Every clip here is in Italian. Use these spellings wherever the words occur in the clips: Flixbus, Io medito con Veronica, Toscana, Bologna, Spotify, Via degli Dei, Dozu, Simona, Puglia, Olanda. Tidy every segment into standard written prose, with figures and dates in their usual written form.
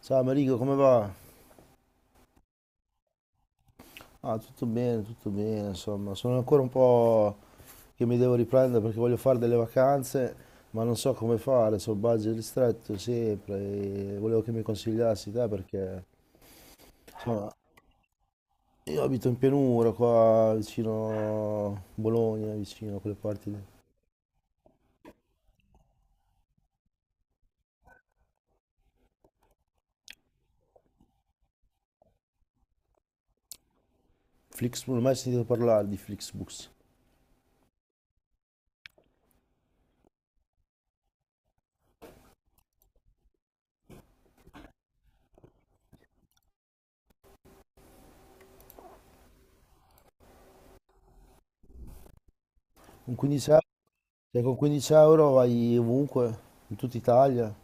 Ciao Marico, come va? Ah, tutto bene, insomma, sono ancora un po' che mi devo riprendere perché voglio fare delle vacanze, ma non so come fare, so budget ristretto sempre e volevo che mi consigliassi te perché, insomma, io abito in pianura qua vicino Bologna, vicino a quelle parti di. Flixbus, non ho mai sentito parlare di Flixbus. Con 15 euro, cioè con 15 euro vai ovunque, in tutta Italia.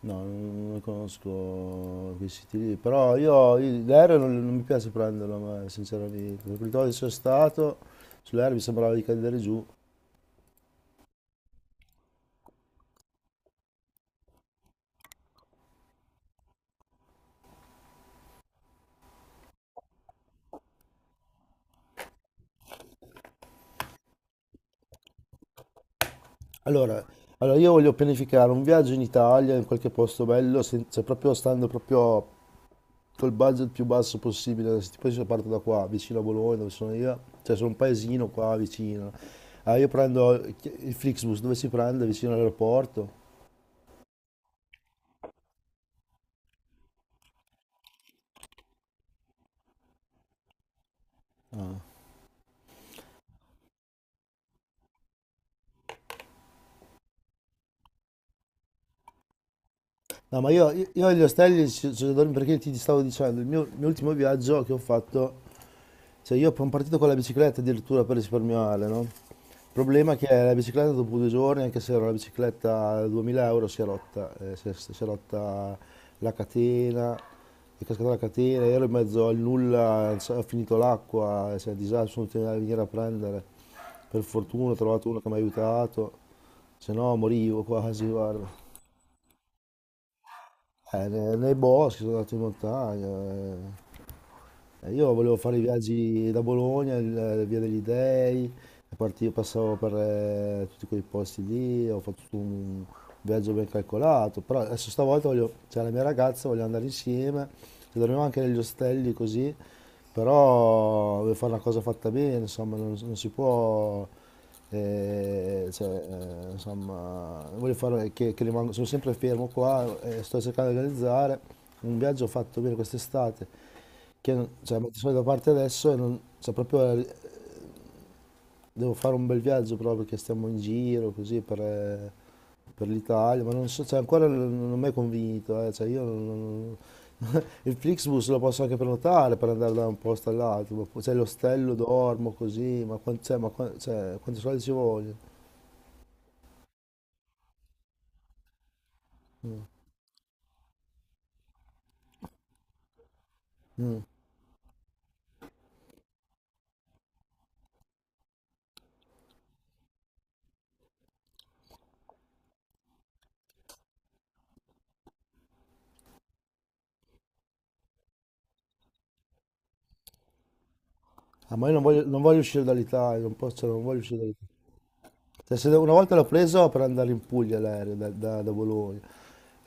No, non conosco questi stili, lì, però io l'aereo non mi piace prenderlo, a me, sinceramente. Perché quando sono stato sull'aereo mi sembrava di cadere giù. Allora, allora, io voglio pianificare un viaggio in Italia, in qualche posto bello, cioè proprio stando proprio col budget più basso possibile. Se tipo io parto da qua, vicino a Bologna, dove sono io, cioè sono un paesino qua vicino. Ah, io prendo il Flixbus, dove si prende? Vicino all'aeroporto. No, ma io agli ostelli ci dormo perché ti stavo dicendo, il mio ultimo viaggio che ho fatto, cioè io sono partito con la bicicletta addirittura per risparmiare, no? Il problema è che la bicicletta dopo 2 giorni, anche se era una bicicletta da 2000 euro, si è rotta, si è rotta la catena, è cascata la catena, ero in mezzo al nulla, non so, ho finito l'acqua, cioè, disastro, sono tenuto a venire a prendere. Per fortuna ho trovato uno che mi ha aiutato, se no morivo quasi, guarda. Nei boschi, sono andato in montagna. Io volevo fare i viaggi da Bologna, Via degli Dei, e partivo, passavo per tutti quei posti lì, ho fatto tutto un viaggio ben calcolato, però adesso stavolta voglio, c'è la mia ragazza, voglio andare insieme, e dormiamo anche negli ostelli così, però voglio fare una cosa fatta bene, insomma, non si può, eh, cioè, insomma, voglio fare che, rimango, sono sempre fermo qua, e sto cercando di organizzare un viaggio fatto bene quest'estate che cioè, metto i soldi da parte adesso e non, cioè, proprio devo fare un bel viaggio proprio perché stiamo in giro così per l'Italia, ma non so, cioè, ancora non mi è convinto, cioè, io il Flixbus lo posso anche prenotare per andare da un posto all'altro, ma poi, cioè, l'ostello dormo così, ma, cioè, quanti soldi ci vogliono? Mm. Ah, ma io non voglio, non voglio uscire dall'Italia, non posso, non voglio uscire. Cioè, una volta l'ho preso per andare in Puglia l'aereo da, da Bologna,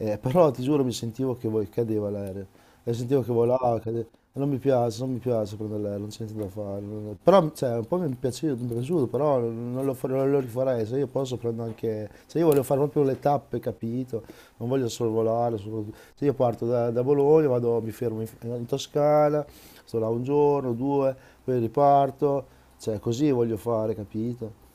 Però ti giuro mi sentivo che voi cadeva l'aereo, e sentivo che volava, cadeva. Non mi piace, non mi piace prendere l'aereo, non c'è niente da fare. Però cioè, un po' mi è piaciuto, però non lo, non lo rifarei, se io posso prendo anche... Se io voglio fare proprio le tappe, capito? Non voglio solo volare, se io parto da, Bologna, vado, mi fermo in, Toscana, sto là un giorno, due, poi riparto, cioè così voglio fare, capito?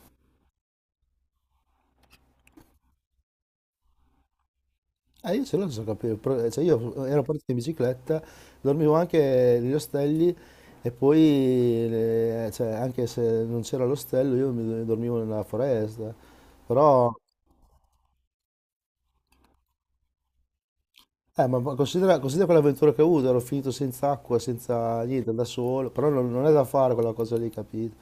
Io ce l'ho senza capire, però, cioè io ero partito in bicicletta, dormivo anche negli ostelli e poi, cioè, anche se non c'era l'ostello, io mi dormivo nella foresta. Però, ma considera, considera quell'avventura che ho avuto, ero finito senza acqua, senza niente, da solo, però non è da fare quella cosa lì, capito?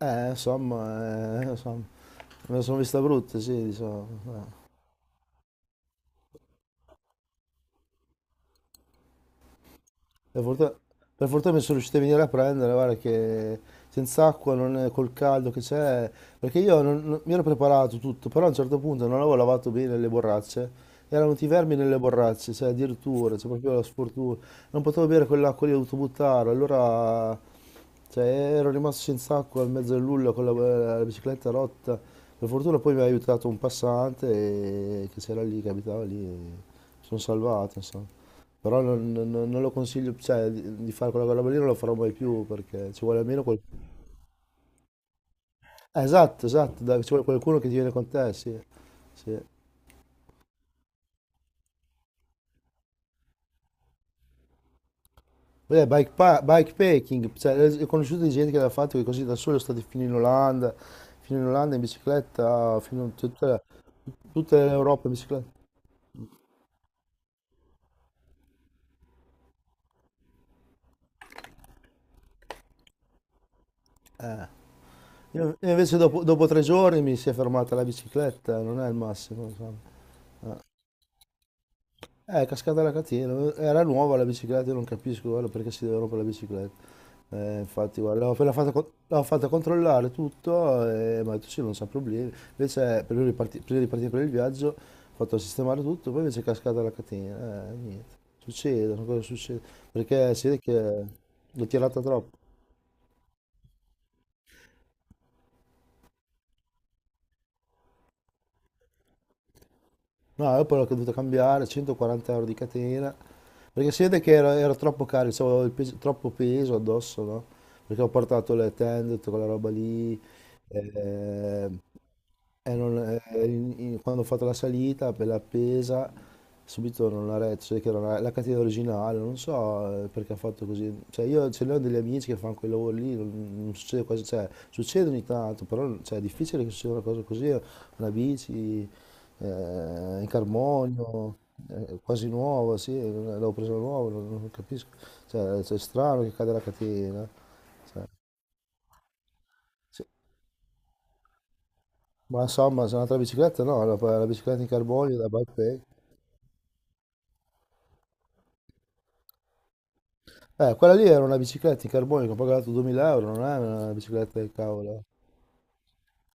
Insomma, me la sono vista brutta, sì, diciamo. eh. Per fortuna, per fortuna mi sono riuscito a venire a prendere, guarda che senza acqua, non è- col caldo che c'è, perché io mi ero preparato tutto, però a un certo punto non avevo lavato bene le borracce, erano venuti i vermi nelle borracce, cioè addirittura, cioè proprio la sfortuna, non potevo bere quell'acqua lì, ho dovuto buttare, allora cioè, ero rimasto senza acqua in mezzo al nulla con la, la bicicletta rotta, per fortuna poi mi ha aiutato un passante che c'era lì, che abitava lì, e mi sono salvato, insomma. Però non, non lo consiglio, cioè, di fare quella roba lì non lo farò mai più perché ci vuole almeno qualcuno. Esatto, esatto, dai, ci vuole qualcuno che ti viene con te, sì. Sì. Beh, bikepacking, cioè, ho conosciuto di gente che l'ha fatto che così da solo è stati fino in Olanda in bicicletta, fino in tutta, tutta l'Europa in bicicletta. Io invece dopo, dopo 3 giorni mi si è fermata la bicicletta, non è il massimo, insomma. Cascata la catena, era nuova la bicicletta, io non capisco guarda, perché si deve rompere la bicicletta. Infatti, guarda, l'ho appena fatta, l'ho fatta controllare tutto e mi ha detto sì, non c'ha problemi. Invece, prima di, prima di partire per il viaggio, ho fatto sistemare tutto, poi invece è cascata la catena. Niente, succede, sono cose che succede, perché si vede che l'ho tirata troppo. No, io poi l'ho dovuto cambiare, 140 euro di catena. Perché si vede che era, era troppo carico, cioè, avevo troppo peso addosso, no? Perché ho portato le tende, tutta quella roba lì. eh, quando ho fatto la salita per l'appesa, subito non la retto, cioè che era la, la catena originale, non so perché ha fatto così. Cioè io ce ne ho degli amici che fanno quel lavoro lì, non, non succede quasi, cioè succede ogni tanto, però cioè, è difficile che succeda una cosa così, una bici eh, in carbonio, quasi nuova, sì, l'avevo presa nuova, non capisco. Cioè, cioè, è strano che cade la catena. cioè, sì. Ma insomma, se è un'altra bicicletta, no, la, la bicicletta in carbonio da bike pack. Quella lì era una bicicletta in carbonio che ho pagato 2000 euro, non è una bicicletta del cavolo.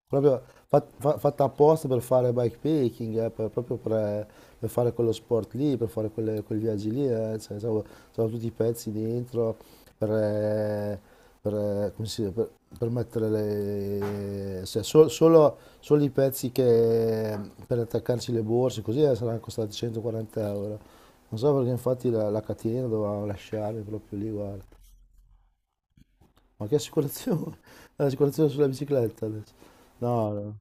Proprio fatta apposta per fare bikepacking, proprio per fare quello sport lì, per fare quei viaggi lì. C'avevo tutti i pezzi dentro per, eh, per, come si dice, per mettere le, cioè, solo, solo i pezzi che, per attaccarci le borse, così saranno costati 140 euro. Non so perché infatti la, la catena dovevamo lasciarmi proprio lì, guarda. Ma che assicurazione? L'assicurazione sulla bicicletta adesso. No, no.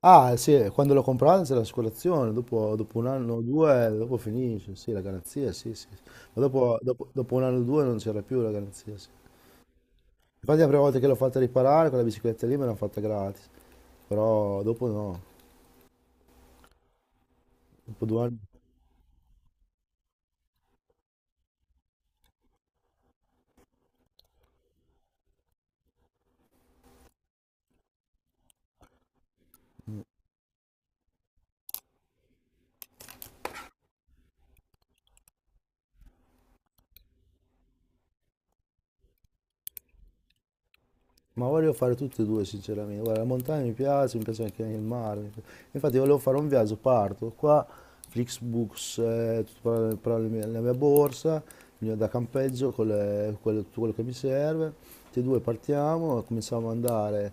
Ah, sì, quando l'ho comprata c'è l'assicurazione, dopo, dopo un anno o due, dopo finisce, sì, la garanzia, sì, sì. Sì. Ma dopo, dopo un anno o due non c'era più la garanzia, sì. Infatti la prima volta che l'ho fatta riparare, quella bicicletta lì me l'hanno fatta gratis, però dopo no, dopo 2 anni. Ma volevo fare tutte e due, sinceramente. Guarda, la montagna mi piace anche il mare. Infatti volevo fare un viaggio, parto qua, Flixbus, tutto per la mia borsa, il mio da campeggio, con quello, tutto quello che mi serve. Tutti e due partiamo, cominciamo ad andare,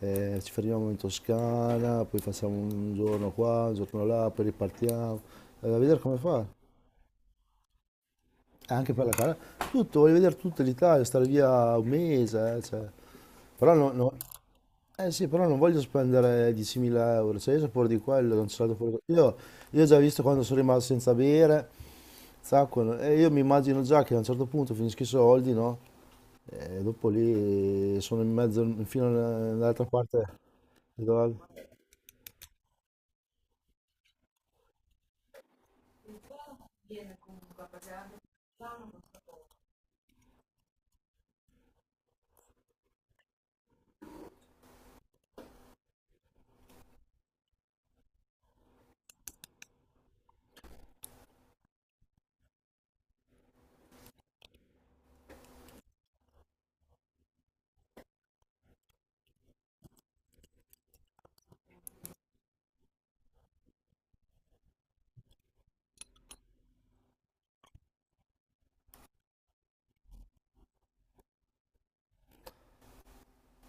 ci fermiamo in Toscana, poi facciamo un giorno qua, un giorno là, poi ripartiamo. A vedere come fare. E anche per la cara. Tutto, voglio vedere tutta l'Italia, stare via un mese, Però no, eh sì, però non voglio spendere 10.000 euro, cioè io sapore di quello, non ce l'ho fuori. Io ho già visto quando sono rimasto senza bere, zacco, e io mi immagino già che a un certo punto finisco i soldi, no? E dopo lì sono in mezzo, fino all'altra parte. del-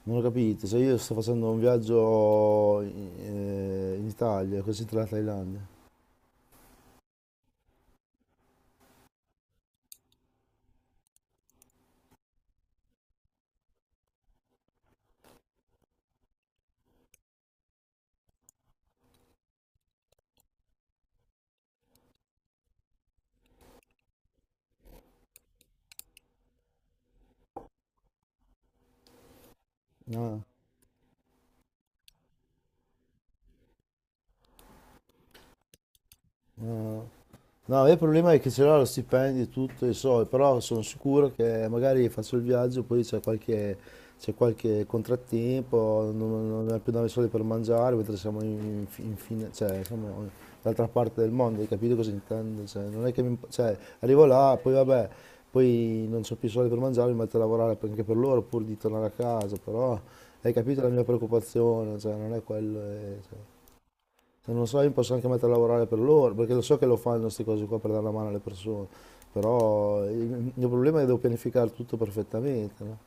Non ho capito, se io sto facendo un viaggio in, in Italia, così tra la Thailandia. No, no. No. No, il problema è che ce l'ho lo stipendio e tutto, e so, però sono sicuro che magari faccio il viaggio, poi c'è qualche contrattempo, non abbiamo più dare i soldi per mangiare, mentre siamo in, fine, cioè, siamo dall'altra parte del mondo, hai capito cosa intendo? Cioè, non è che cioè, arrivo là, poi vabbè, poi non ho più soldi per mangiare, mi metto a lavorare anche per loro, pur di tornare a casa, però hai capito la mia preoccupazione, cioè, non è quello. Se non so, io mi posso anche mettere a lavorare per loro, perché lo so che lo fanno queste cose qua per dare la mano alle persone, però il mio problema è che devo pianificare tutto perfettamente, no?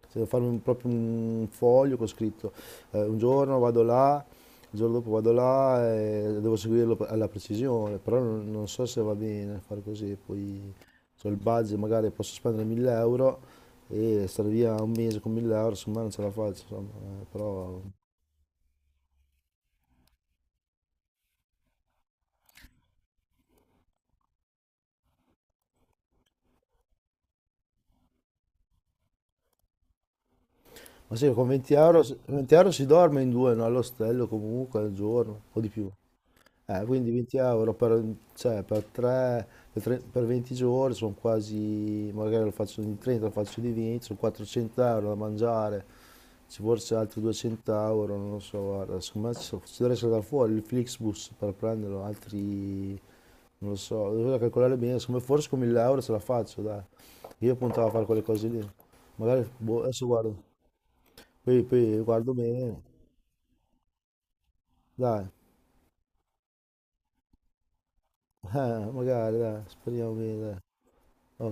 Cioè, devo farmi proprio un foglio con scritto, un giorno vado là, il giorno dopo vado là e devo seguirlo alla precisione, però non so se va bene fare così, poi ho il budget, magari posso spendere 1000 euro e stare via un mese con 1000 euro, insomma non ce la faccio, insomma, però Ma sì, con 20 euro, con 20 euro si dorme in due, no? All'ostello comunque al giorno, o di più. Quindi 20 euro per, cioè, per, per 20 giorni sono quasi, magari lo faccio di 30, lo faccio di 20, sono 400 euro da mangiare, ci forse altri 200 euro, non lo so, guarda, secondo me ci dovrei saltare fuori il Flixbus per prenderlo, altri, non lo so, dovrei calcolare bene, secondo me forse con 1000 euro ce la faccio, dai. Io puntavo a fare quelle cose lì, magari, boh, adesso guardo. Poi, poi guardo bene, dai, magari, dai, speriamo bene, dai. No,